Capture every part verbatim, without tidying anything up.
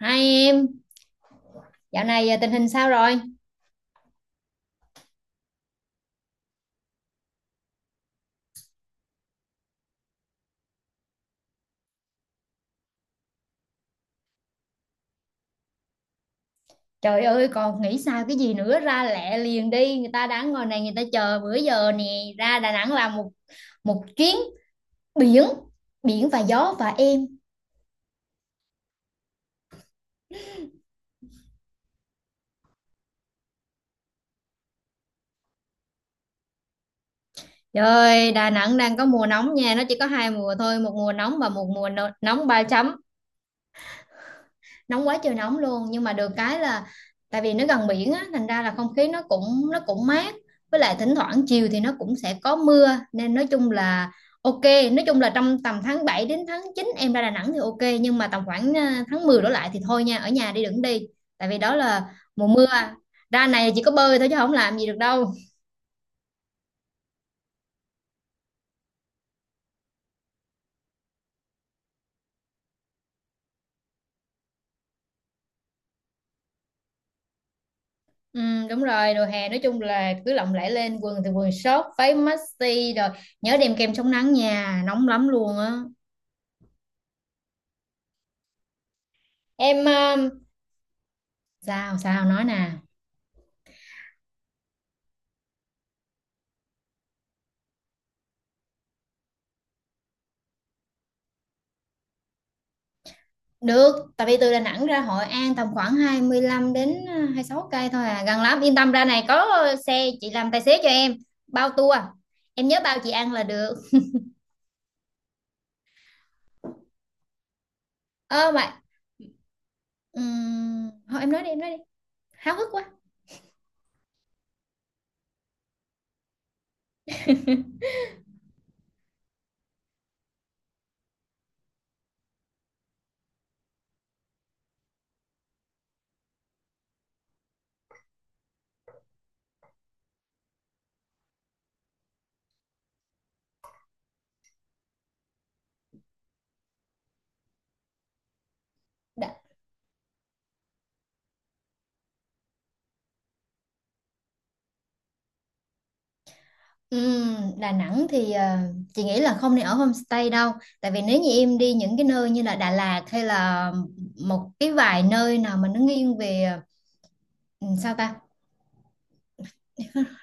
Hai em, dạo này à, tình hình sao rồi? Trời ơi, còn nghĩ sao cái gì nữa ra lẹ liền đi, người ta đang ngồi này người ta chờ bữa giờ nè, ra Đà Nẵng làm một một chuyến biển, biển và gió và em. Trời ơi, Đà Nẵng đang có mùa nóng nha, nó chỉ có hai mùa thôi, một mùa nóng và một mùa no- nóng ba chấm. Nóng quá trời nóng luôn nhưng mà được cái là tại vì nó gần biển á thành ra là không khí nó cũng nó cũng mát, với lại thỉnh thoảng chiều thì nó cũng sẽ có mưa nên nói chung là ok. Nói chung là trong tầm tháng bảy đến tháng chín em ra Đà Nẵng thì ok, nhưng mà tầm khoảng à, tháng mười đổ lại thì thôi nha, ở nhà đi đừng đi, tại vì đó là mùa mưa. Ra này chỉ có bơi thôi chứ không làm gì được đâu. Ừ, đúng rồi, đồ hè nói chung là cứ lộng lẫy lên, quần thì quần short, váy maxi rồi. Nhớ đem kem chống nắng nha, nóng lắm luôn á. Em ờ, sao sao nói nè. Được, tại vì từ Đà Nẵng ra Hội An tầm khoảng hai mươi lăm đến ờ, hai mươi sáu cây thôi à, gần lắm, yên tâm, ra này có ờ, xe chị làm tài xế cho em, bao tour, em nhớ bao chị ăn là được. Ơ mà ừm, thôi em nói đi em nói đi, háo hức quá. Đà, ừm, Đà Nẵng thì ờ, chị nghĩ là không nên ở homestay đâu, tại vì nếu như em đi những cái nơi như là Đà Lạt hay là một cái vài nơi nào mà nó nghiêng về ừ, sao ta,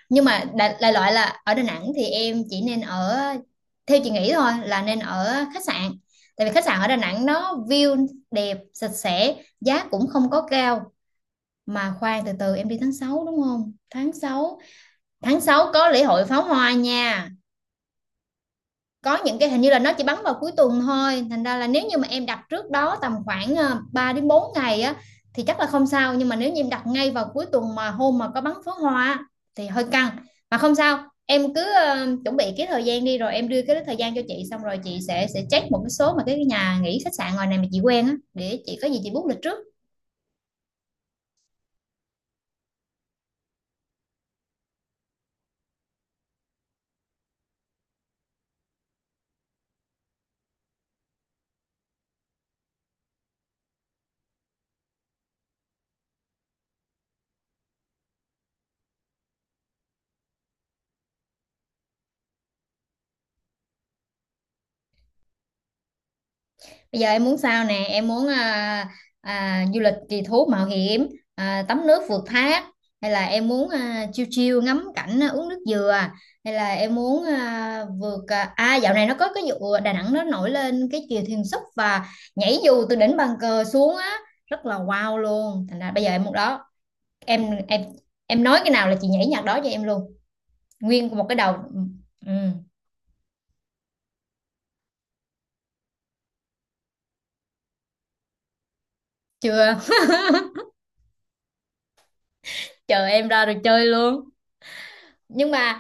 nhưng mà đại, đại loại là ở Đà Nẵng thì em chỉ nên ở, theo chị nghĩ thôi, là nên ở khách sạn, tại vì khách sạn ở Đà Nẵng nó view đẹp, sạch sẽ, giá cũng không có cao. Mà khoan, từ từ, em đi tháng sáu đúng không? Tháng sáu, tháng sáu có lễ hội pháo hoa nha. Có những cái hình như là nó chỉ bắn vào cuối tuần thôi, thành ra là nếu như mà em đặt trước đó tầm khoảng ờ, ba đến bốn ngày á thì chắc là không sao, nhưng mà nếu như em đặt ngay vào cuối tuần mà hôm mà có bắn pháo hoa thì hơi căng. Mà không sao, em cứ ờ, chuẩn bị cái thời gian đi rồi em đưa cái thời gian cho chị, xong rồi chị sẽ sẽ check một cái số mà cái nhà nghỉ khách sạn ngoài này mà chị quen á, để chị có gì chị book lịch trước. Bây giờ em muốn sao nè, em muốn à, à, du lịch kỳ thú mạo hiểm, à, tắm nước vượt thác, hay là em muốn à, chiêu chiêu ngắm cảnh, à, uống nước dừa, hay là em muốn à, vượt à, à dạo này nó có cái vụ Đà Nẵng nó nổi lên cái chèo thuyền súp và nhảy dù từ đỉnh bàn cờ xuống á, rất là wow luôn. Thành ra bây giờ em muốn đó, em em em nói cái nào là chị nhảy nhạc đó cho em luôn, nguyên một cái đầu. Ừ, ừ, chưa, chờ em ra rồi chơi luôn. Nhưng mà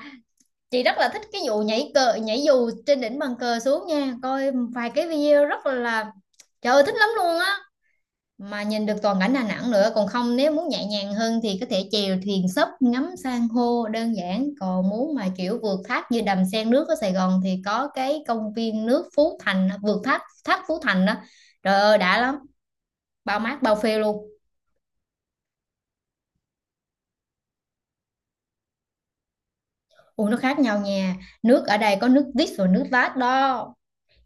chị rất là thích cái vụ nhảy cờ nhảy dù trên đỉnh bàn cờ xuống nha, coi vài cái video rất là, trời ơi thích lắm luôn á, mà nhìn được toàn cảnh Đà Nẵng nữa. Còn không, nếu muốn nhẹ nhàng hơn thì có thể chèo thuyền sấp ngắm san hô đơn giản, còn muốn mà kiểu vượt thác như Đầm Sen nước ở Sài Gòn thì có cái công viên nước Phú Thành, vượt thác thác Phú Thành đó, trời ơi đã lắm, bao mát bao phê luôn. Ủa, nó khác nhau nha, nước ở đây có nước vít và nước lát đó,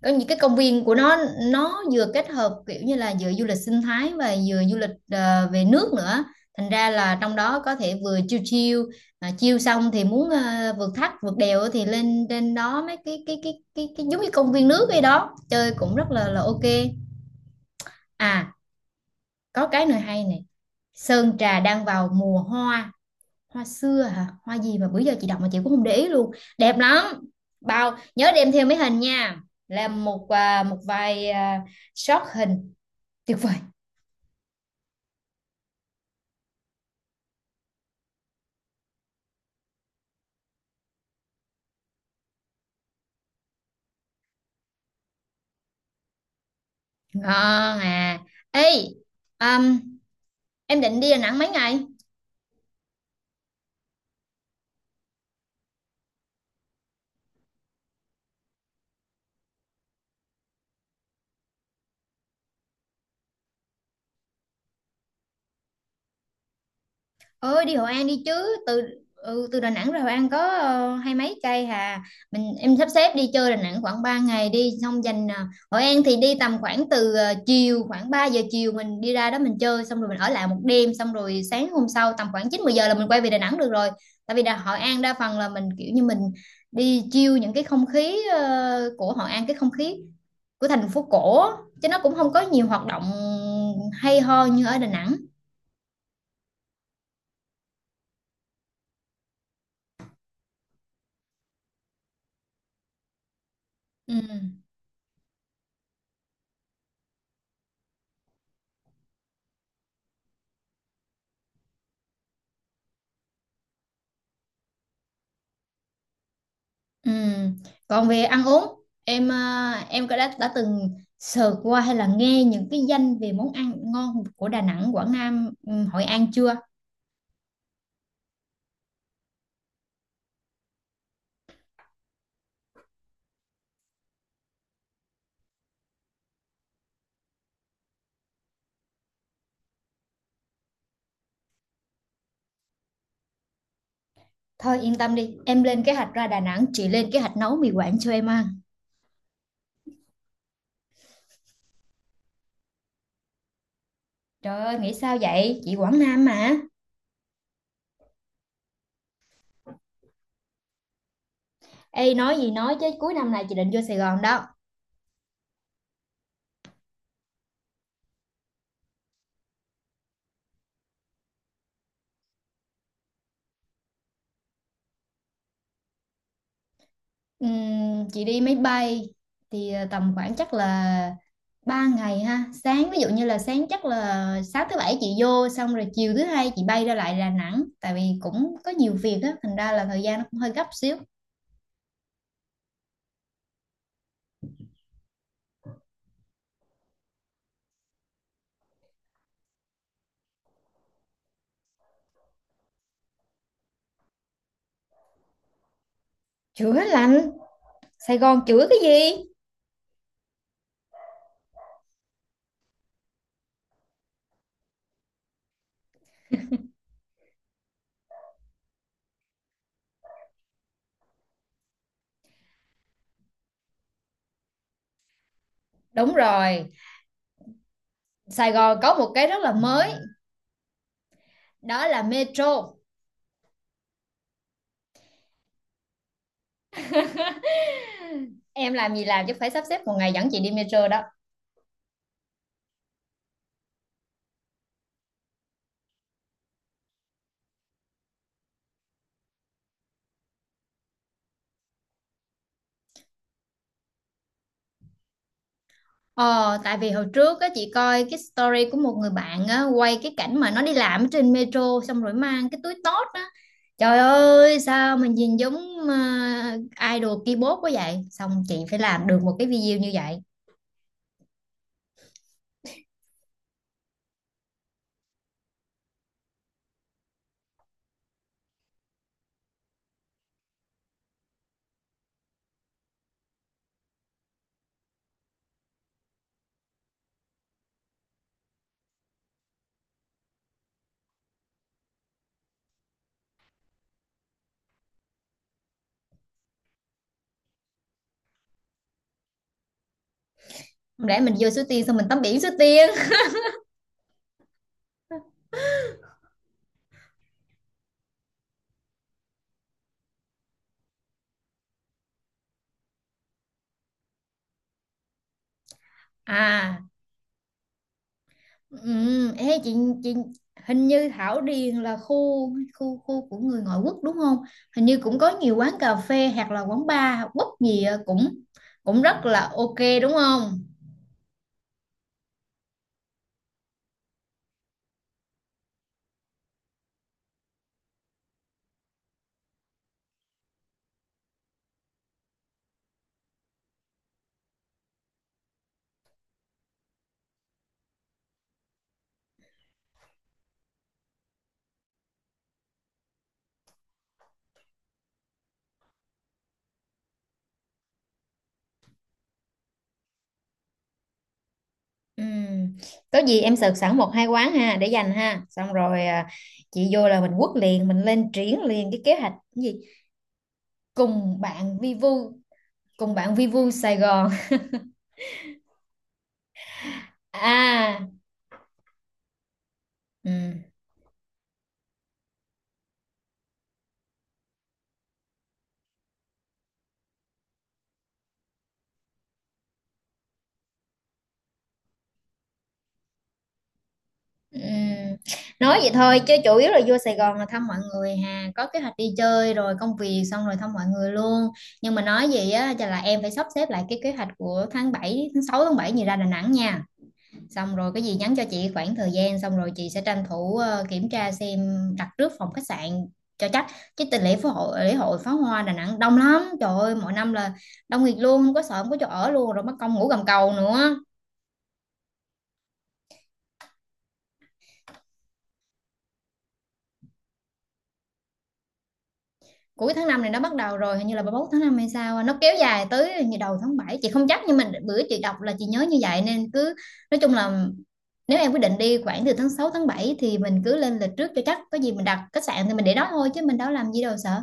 có những cái công viên của nó nó vừa kết hợp kiểu như là vừa du lịch sinh thái và vừa du lịch ờ, về nước nữa, thành ra là trong đó có thể vừa chiêu chiêu, mà chiêu xong thì muốn ờ, vượt thác vượt đèo thì lên trên đó mấy cái cái cái cái, cái giống như công viên nước vậy đó, chơi cũng rất là là ok. À, có cái nữa hay này, Sơn Trà đang vào mùa hoa, hoa xưa hả, hoa gì mà bữa giờ chị đọc mà chị cũng không để ý luôn, đẹp lắm, bao nhớ đem theo mấy hình nha, làm một à, một vài à, shot hình tuyệt vời. Ngon à. Ê, um, em định đi Đà Nẵng mấy ngày? Ơi, đi Hội An đi chứ, từ, ừ, từ Đà Nẵng ra Hội An có ờ, hai mấy cây hà, mình em sắp xếp đi chơi Đà Nẵng khoảng ba ngày đi, xong dành ờ, Hội An thì đi tầm khoảng từ ờ, chiều, khoảng ba giờ chiều mình đi ra đó mình chơi, xong rồi mình ở lại một đêm, xong rồi sáng hôm sau tầm khoảng chín mười giờ là mình quay về Đà Nẵng được rồi, tại vì Đà Hội An đa phần là mình kiểu như mình đi chiêu những cái không khí ờ, của Hội An, cái không khí của thành phố cổ á, chứ nó cũng không có nhiều hoạt động hay ho như ở Đà Nẵng. Ừ. Ừ. Còn về ăn uống, em à, em có đã đã từng sờ qua hay là nghe những cái danh về món ăn ngon của Đà Nẵng, Quảng Nam, ừ, Hội An chưa? Thôi yên tâm đi, em lên kế hoạch ra Đà Nẵng, chị lên kế hoạch nấu mì Quảng cho em ăn. Trời ơi, nghĩ sao vậy? Chị Quảng Nam mà. Ê, nói gì nói chứ cuối năm này chị định vô Sài Gòn đó. Ừm, chị đi máy bay thì ờ, tầm khoảng chắc là ba ngày ha, sáng ví dụ như là sáng chắc là sáng thứ bảy chị vô, xong rồi chiều thứ hai chị bay ra lại Đà Nẵng, tại vì cũng có nhiều việc á, thành ra là thời gian nó cũng hơi gấp xíu. Chữa lành, Sài Gòn chữa cái gì? Đúng rồi, Sài Gòn có một cái rất là mới, đó là metro. Em làm gì làm chứ phải sắp xếp một ngày dẫn chị đi metro đó. Ờ, tại vì hồi trước á, chị coi cái story của một người bạn á, quay cái cảnh mà nó đi làm ở trên metro, xong rồi mang cái túi tót á. Trời ơi, sao mình nhìn giống uh, idol keyboard quá vậy? Xong chị phải làm được một cái video như vậy. Không lẽ mình vô Suối Tiên xong mình tắm biển Suối Tiên? À, ừ, ê, chị, chị hình như Thảo Điền là khu khu khu của người ngoại quốc đúng không? Hình như cũng có nhiều quán cà phê hoặc là quán bar, quất gì á, cũng cũng rất là ok đúng không? Ừ. Có gì em search sẵn một hai quán ha, để dành ha, xong rồi à, chị vô là mình quất liền, mình lên triển liền cái kế hoạch, cái gì cùng bạn vi vu, cùng bạn vi vu Sài Gòn. À, ừ. Ừ. Nói vậy thôi chứ chủ yếu là vô Sài Gòn là thăm mọi người hà, có kế hoạch đi chơi rồi công việc xong rồi thăm mọi người luôn. Nhưng mà nói gì á, chắc là em phải sắp xếp lại cái kế hoạch của tháng bảy, tháng sáu tháng bảy gì ra Đà Nẵng nha, xong rồi cái gì nhắn cho chị khoảng thời gian, xong rồi chị sẽ tranh thủ ờ, kiểm tra xem, đặt trước phòng khách sạn cho chắc, chứ tình lễ phó hội lễ hội pháo hoa Đà Nẵng đông lắm, trời ơi mỗi năm là đông nghịt luôn, không có sợ không có chỗ ở luôn, rồi mất công ngủ gầm cầu nữa. Cuối tháng năm này nó bắt đầu rồi, hình như là ba mươi mốt tháng năm hay sao á, nó kéo dài tới hình như đầu tháng bảy, chị không chắc, nhưng mà bữa chị đọc là chị nhớ như vậy. Nên cứ nói chung là nếu em quyết định đi khoảng từ tháng sáu tháng bảy thì mình cứ lên lịch trước cho chắc, có gì mình đặt khách sạn thì mình để đó thôi chứ mình đâu làm gì đâu, sợ.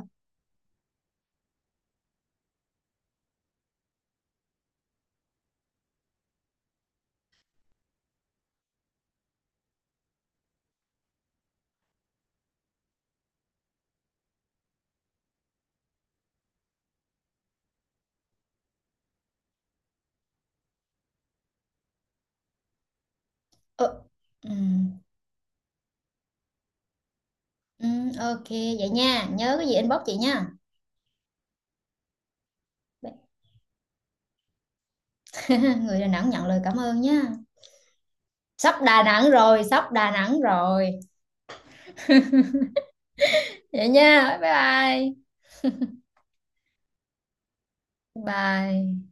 Ờ, ừ. Ừ, ok vậy nha, nhớ cái gì inbox chị nha. Người Đà Nẵng nhận lời cảm ơn nha. Sắp Đà Nẵng rồi, sắp Đà Nẵng rồi. Vậy nha, bye bye. Bye.